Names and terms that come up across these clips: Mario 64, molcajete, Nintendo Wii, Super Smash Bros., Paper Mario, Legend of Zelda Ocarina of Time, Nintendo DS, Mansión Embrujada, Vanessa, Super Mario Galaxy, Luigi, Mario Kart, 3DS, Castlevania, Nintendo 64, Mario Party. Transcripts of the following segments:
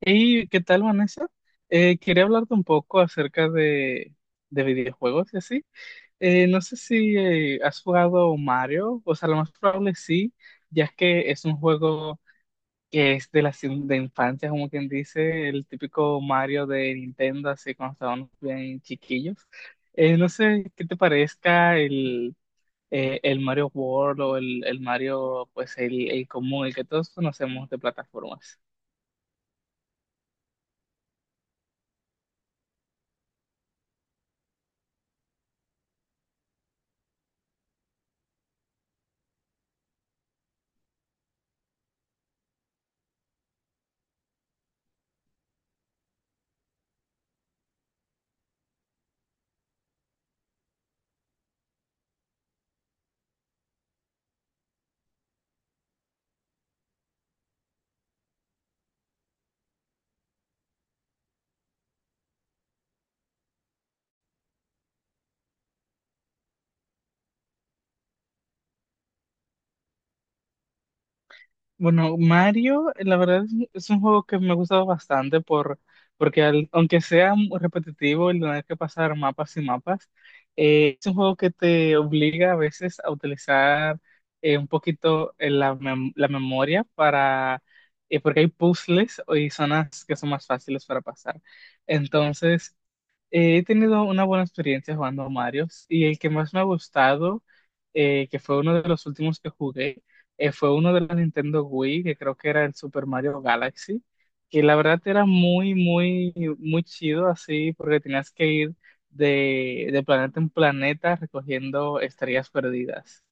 ¿Y qué tal, Vanessa? Quería hablarte un poco acerca de videojuegos y así. No sé si has jugado Mario, o sea, lo más probable sí, ya que es un juego que es de de infancia, como quien dice, el típico Mario de Nintendo, así cuando estábamos bien chiquillos. No sé qué te parezca el Mario World o el Mario, pues el común, el que todos conocemos de plataformas. Bueno, Mario, la verdad es un juego que me ha gustado bastante porque aunque sea muy repetitivo el tener que pasar mapas y mapas, es un juego que te obliga a veces a utilizar un poquito la memoria para, porque hay puzzles y zonas que son más fáciles para pasar. Entonces, he tenido una buena experiencia jugando a Mario, y el que más me ha gustado, que fue uno de los últimos que jugué, fue uno de los Nintendo Wii, que creo que era el Super Mario Galaxy, que la verdad era muy chido así, porque tenías que ir de planeta en planeta recogiendo estrellas perdidas.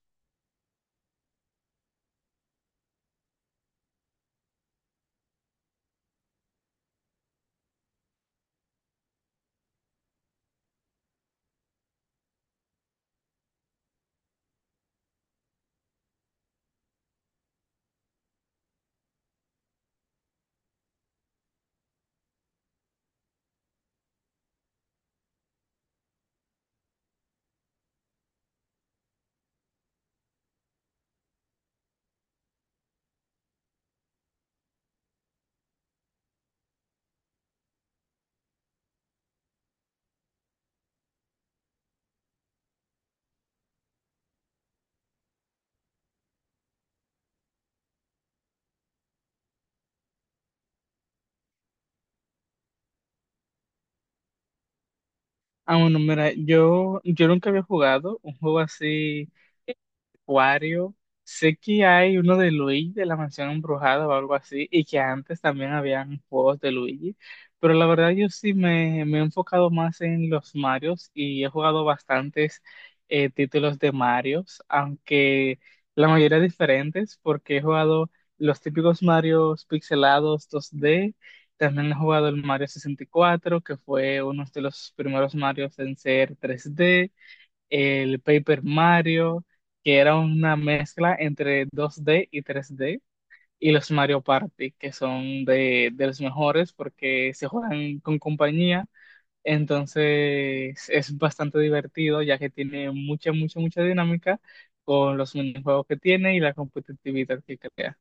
Ah, bueno, mira, yo nunca había jugado un juego así Acuario. Sé que hay uno de Luigi de la Mansión Embrujada o algo así, y que antes también habían juegos de Luigi, pero la verdad yo me he enfocado más en los Marios, y he jugado bastantes títulos de Marios, aunque la mayoría diferentes, porque he jugado los típicos Marios pixelados 2D, también he jugado el Mario 64, que fue uno de los primeros Marios en ser 3D, el Paper Mario, que era una mezcla entre 2D y 3D, y los Mario Party, que son de los mejores porque se juegan con compañía. Entonces es bastante divertido, ya que tiene mucha dinámica con los minijuegos que tiene y la competitividad que crea.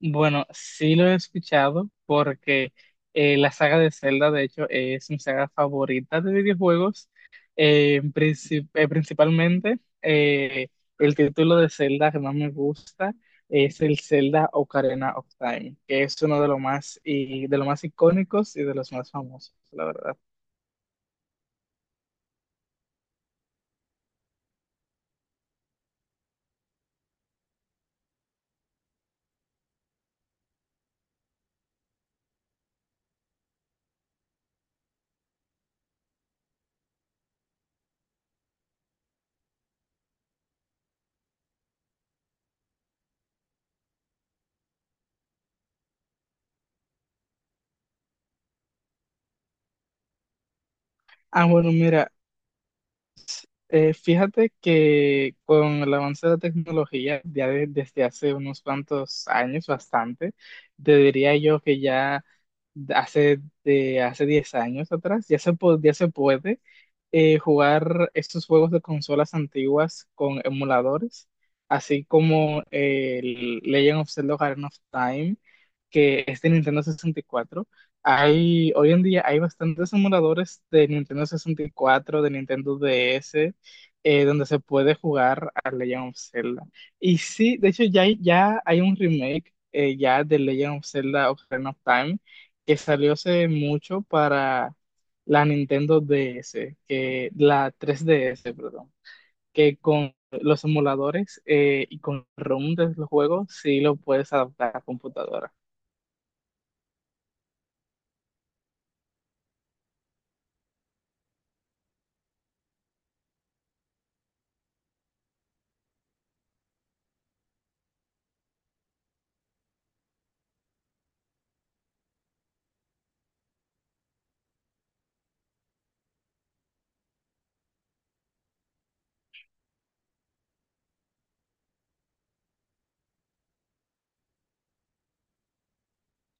Bueno, sí lo he escuchado porque la saga de Zelda, de hecho, es mi saga favorita de videojuegos. Principalmente, el título de Zelda que más me gusta es el Zelda Ocarina of Time, que es uno de los más, y de los más icónicos y de los más famosos, la verdad. Ah, bueno, mira, fíjate que con el avance de la tecnología, ya desde hace unos cuantos años, bastante, te diría yo que ya hace 10 años atrás, ya se puede jugar estos juegos de consolas antiguas con emuladores, así como el Legend of Zelda Ocarina of Time, que es de Nintendo 64. Hoy en día hay bastantes emuladores de Nintendo 64, de Nintendo DS, donde se puede jugar a Legend of Zelda. Y sí, de hecho ya hay un remake ya de Legend of Zelda Ocarina of Time que salió hace mucho para la Nintendo DS, que, la 3DS, perdón, que con los emuladores y con ROM de los juegos sí lo puedes adaptar a computadora.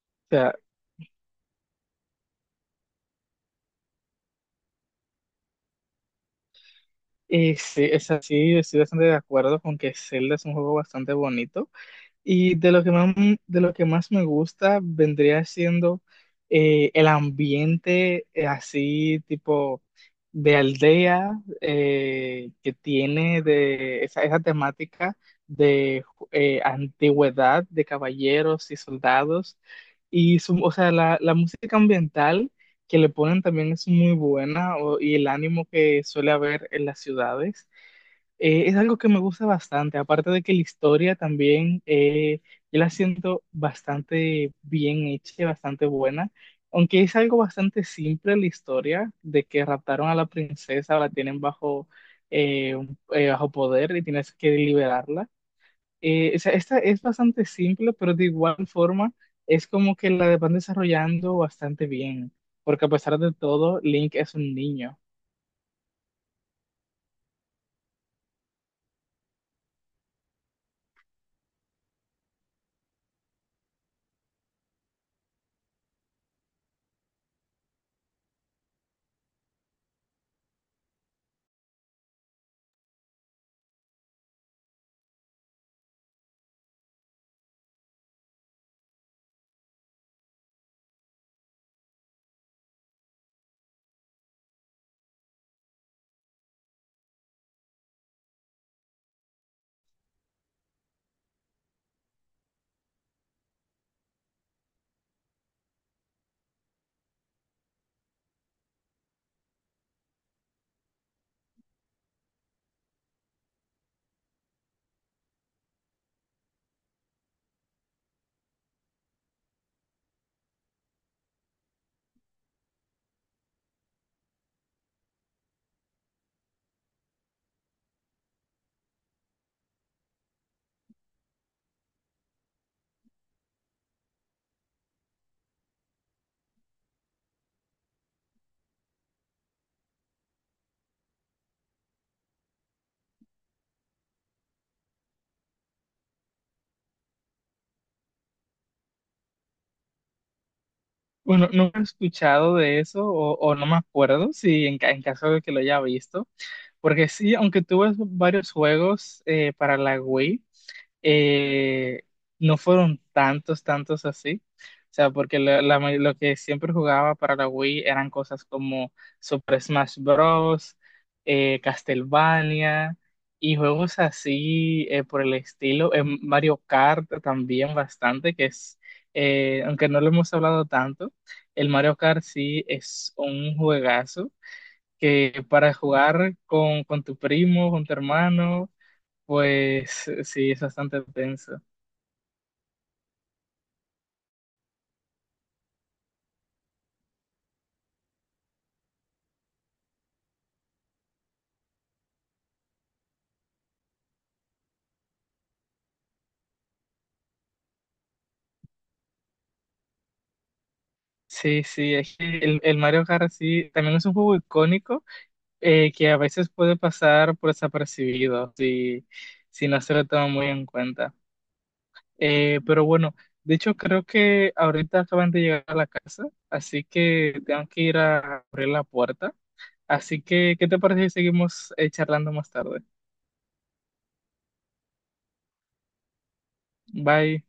O sea, y sí, es así, estoy bastante de acuerdo con que Zelda es un juego bastante bonito. Y de lo que más me gusta vendría siendo el ambiente así tipo de aldea que tiene de esa temática de antigüedad de caballeros y soldados. O sea, la música ambiental que le ponen también es muy buena, y el ánimo que suele haber en las ciudades. Es algo que me gusta bastante, aparte de que la historia también, yo la siento bastante bien hecha, bastante buena, aunque es algo bastante simple la historia de que raptaron a la princesa, la tienen bajo, bajo poder, y tienes que liberarla. O sea, esta es bastante simple, pero de igual forma es como que la van desarrollando bastante bien, porque a pesar de todo, Link es un niño. Bueno, nunca he escuchado de eso, o no me acuerdo si en caso de que lo haya visto, porque sí, aunque tuve varios juegos para la Wii, eh, no fueron tantos así. O sea, porque lo que siempre jugaba para la Wii eran cosas como Super Smash Bros., Castlevania y juegos así por el estilo. En Mario Kart también bastante, aunque no lo hemos hablado tanto, el Mario Kart sí es un juegazo que para jugar con tu primo, con tu hermano, pues sí, es bastante tenso. Sí, sí, es que el Mario Kart sí, también es un juego icónico, que a veces puede pasar por desapercibido si no se lo toma muy en cuenta. Pero bueno, de hecho creo que ahorita acaban de llegar a la casa, así que tengo que ir a abrir la puerta. Así que, ¿qué te parece si seguimos charlando más tarde? Bye.